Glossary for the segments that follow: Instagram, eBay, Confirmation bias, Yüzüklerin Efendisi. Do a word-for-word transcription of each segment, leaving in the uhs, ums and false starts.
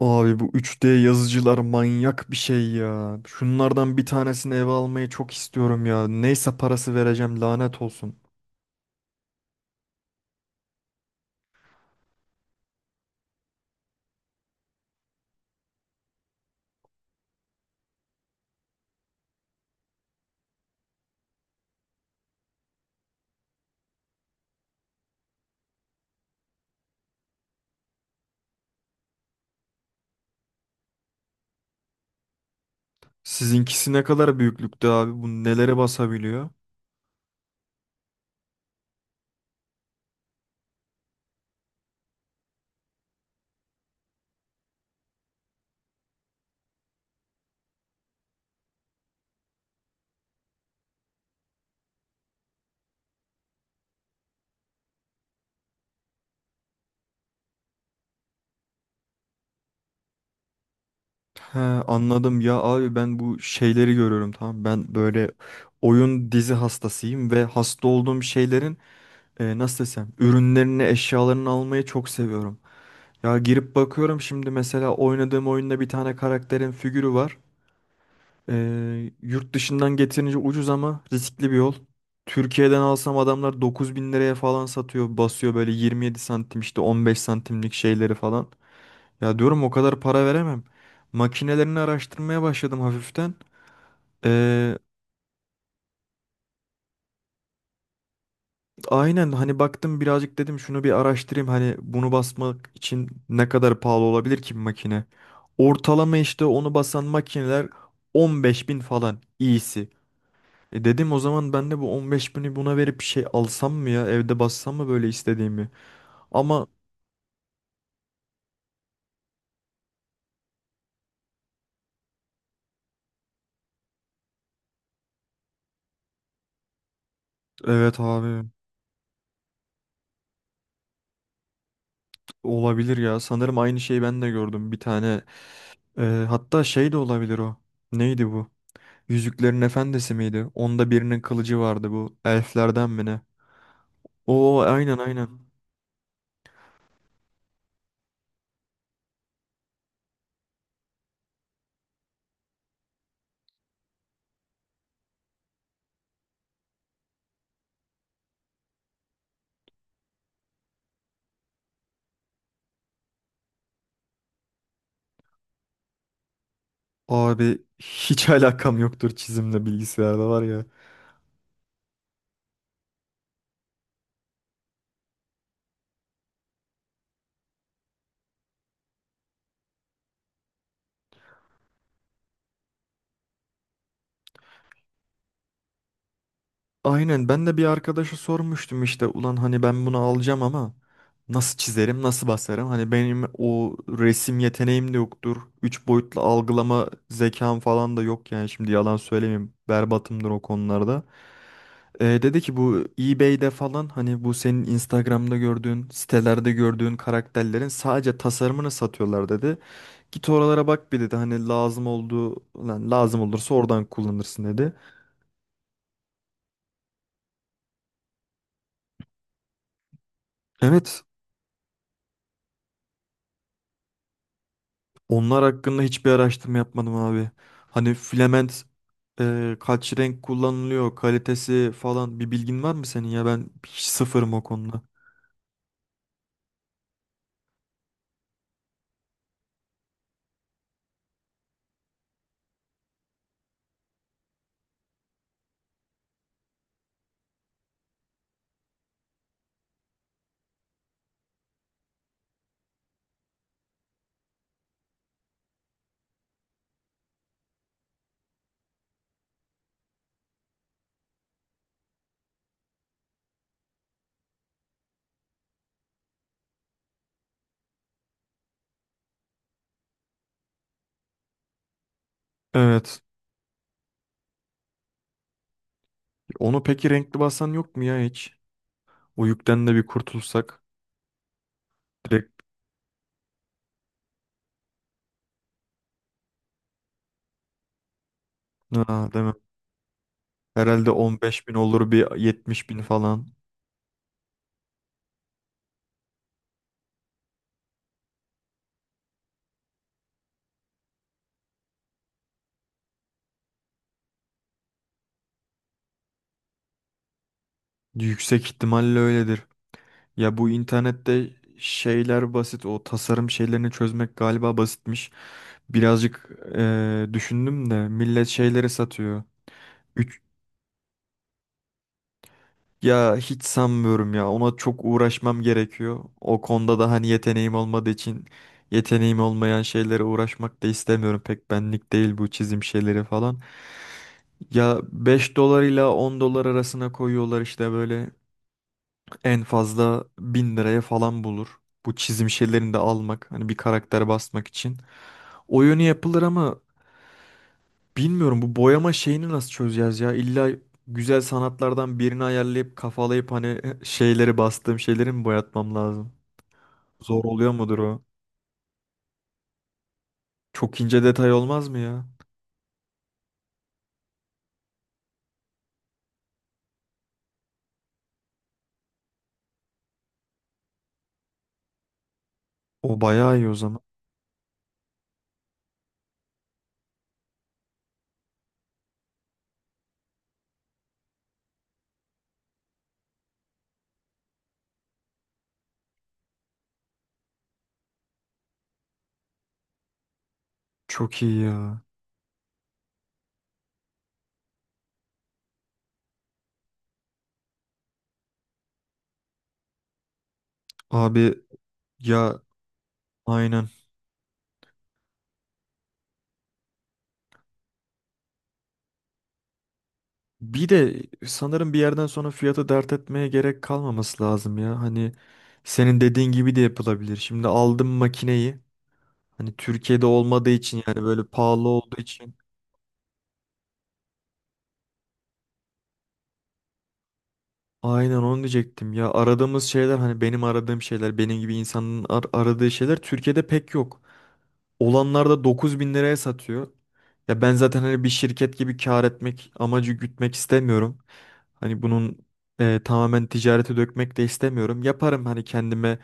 Abi bu üç D yazıcılar manyak bir şey ya. Şunlardan bir tanesini eve almayı çok istiyorum ya. Neyse parası vereceğim, lanet olsun. Sizinkisi ne kadar büyüklükte abi? Bu nelere basabiliyor? He, anladım ya abi, ben bu şeyleri görüyorum, tamam. Ben böyle oyun dizi hastasıyım ve hasta olduğum şeylerin e, nasıl desem ürünlerini, eşyalarını almayı çok seviyorum. Ya girip bakıyorum şimdi, mesela oynadığım oyunda bir tane karakterin figürü var. Ee, yurt dışından getirince ucuz ama riskli bir yol. Türkiye'den alsam adamlar dokuz bin liraya falan satıyor. Basıyor böyle yirmi yedi santim işte, on beş santimlik şeyleri falan. Ya diyorum o kadar para veremem. Makinelerini araştırmaya başladım hafiften. Ee, aynen, hani baktım birazcık, dedim şunu bir araştırayım. Hani bunu basmak için ne kadar pahalı olabilir ki bir makine? Ortalama işte onu basan makineler on beş bin falan iyisi. E dedim o zaman ben de bu on beş bini buna verip bir şey alsam mı ya? Evde bassam mı böyle istediğimi? Ama evet abi, olabilir ya. Sanırım aynı şeyi ben de gördüm. Bir tane e, hatta şey de olabilir o. Neydi bu? Yüzüklerin Efendisi miydi? Onda birinin kılıcı vardı bu. Elflerden mi ne? Oo, aynen aynen. Abi hiç alakam yoktur çizimle, bilgisayarda var ya. Aynen, ben de bir arkadaşa sormuştum işte, ulan hani ben bunu alacağım ama nasıl çizerim, nasıl basarım, hani benim o resim yeteneğim de yoktur. Üç boyutlu algılama zekam falan da yok yani, şimdi yalan söylemeyeyim, berbatımdır o konularda. Ee, dedi ki bu eBay'de falan, hani bu senin Instagram'da gördüğün, sitelerde gördüğün karakterlerin sadece tasarımını satıyorlar dedi. Git oralara bak bir dedi, hani lazım olduğu lan lazım olursa oradan kullanırsın dedi. Evet. Onlar hakkında hiçbir araştırma yapmadım abi. Hani filament e, kaç renk kullanılıyor, kalitesi falan, bir bilgin var mı senin ya? Ben hiç sıfırım o konuda. Evet. Onu peki renkli basan yok mu ya hiç? O yükten de bir kurtulsak. Direkt. Ha, değil mi? Herhalde on beş bin olur, bir yetmiş bin falan. Yüksek ihtimalle öyledir. Ya bu internette şeyler basit. O tasarım şeylerini çözmek galiba basitmiş. Birazcık eee, düşündüm de millet şeyleri satıyor. Üç, ya hiç sanmıyorum ya. Ona çok uğraşmam gerekiyor. O konuda da hani yeteneğim olmadığı için, yeteneğim olmayan şeylere uğraşmak da istemiyorum. Pek benlik değil bu çizim şeyleri falan. Ya beş dolar ile on dolar arasına koyuyorlar işte, böyle en fazla bin liraya falan bulur. Bu çizim şeylerini de almak, hani bir karakter basmak için. Oyunu yapılır ama bilmiyorum bu boyama şeyini nasıl çözeceğiz ya? İlla güzel sanatlardan birini ayarlayıp, kafalayıp hani şeyleri, bastığım şeyleri mi boyatmam lazım? Zor oluyor mudur o? Çok ince detay olmaz mı ya? O bayağı iyi o zaman. Çok iyi ya. Abi ya aynen. Bir de sanırım bir yerden sonra fiyatı dert etmeye gerek kalmaması lazım ya. Hani senin dediğin gibi de yapılabilir. Şimdi aldım makineyi. Hani Türkiye'de olmadığı için, yani böyle pahalı olduğu için. Aynen onu diyecektim ya, aradığımız şeyler, hani benim aradığım şeyler, benim gibi insanın ar- aradığı şeyler Türkiye'de pek yok. Olanlar da dokuz bin liraya satıyor. Ya ben zaten hani bir şirket gibi kar etmek amacı gütmek istemiyorum. Hani bunun e, tamamen ticarete dökmek de istemiyorum. Yaparım hani kendime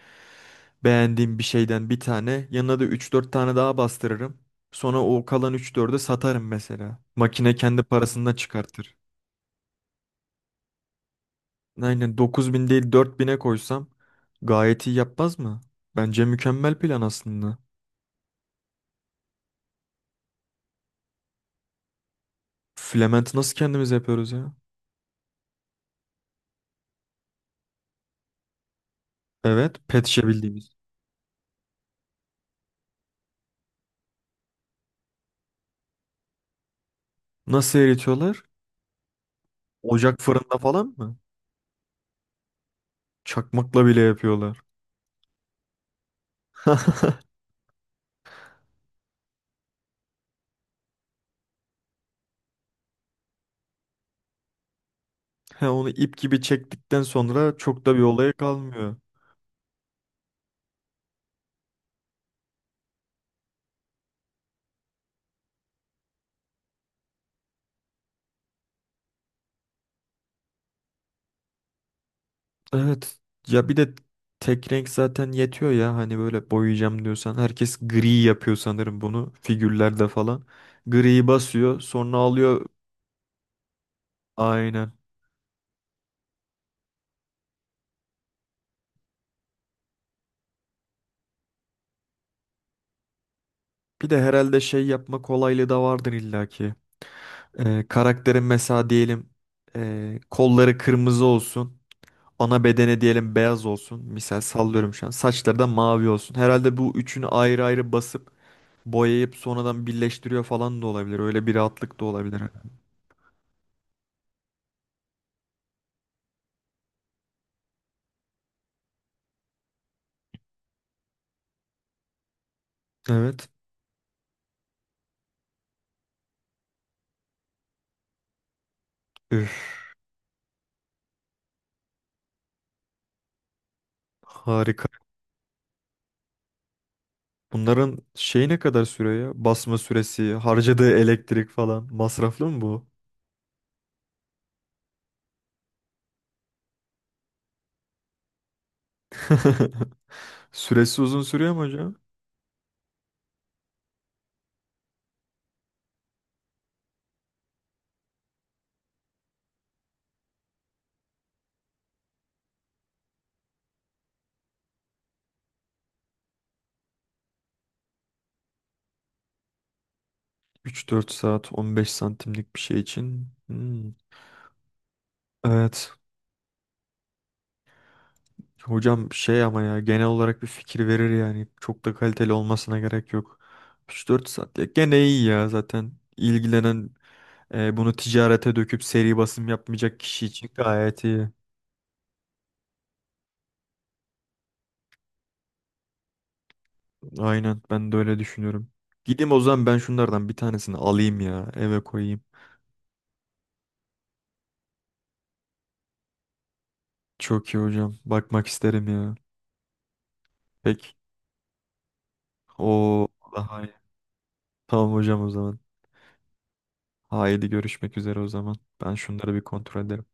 beğendiğim bir şeyden bir tane. Yanına da üç dört tane daha bastırırım. Sonra o kalan üç dördü satarım mesela. Makine kendi parasından çıkartır. Aynen, dokuz bin değil dört bine koysam gayet iyi yapmaz mı? Bence mükemmel plan aslında. Flamant nasıl kendimiz yapıyoruz ya? Evet, pet şişe bildiğimiz. Nasıl eritiyorlar? Ocak, fırında falan mı? Çakmakla bile yapıyorlar. He, onu ip gibi çektikten sonra çok da bir olaya kalmıyor. Evet. Ya bir de tek renk zaten yetiyor ya hani böyle boyayacağım diyorsan. Herkes gri yapıyor sanırım bunu, figürlerde falan. Griyi basıyor sonra alıyor. Aynen. Bir de herhalde şey yapma kolaylığı da vardır illaki. Ee, karakterin mesela diyelim ee, kolları kırmızı olsun. Ana bedene diyelim beyaz olsun. Misal sallıyorum şu an. Saçları da mavi olsun. Herhalde bu üçünü ayrı ayrı basıp boyayıp sonradan birleştiriyor falan da olabilir. Öyle bir rahatlık da olabilir. Evet. Üf, harika. Bunların şeyi ne kadar sürüyor ya? Basma süresi, harcadığı elektrik falan. Masraflı mı bu? Süresi uzun sürüyor mu hocam? üç dört saat on beş santimlik bir şey için. Hmm. Evet. Hocam şey ama, ya genel olarak bir fikir verir yani. Çok da kaliteli olmasına gerek yok. üç dört saat ya gene iyi ya zaten. İlgilenen e, bunu ticarete döküp seri basım yapmayacak kişi için gayet iyi. Aynen, ben de öyle düşünüyorum. Gideyim o zaman ben şunlardan bir tanesini alayım ya, eve koyayım. Çok iyi hocam. Bakmak isterim ya. Peki. O daha iyi. Tamam hocam o zaman. Haydi görüşmek üzere o zaman. Ben şunları bir kontrol ederim.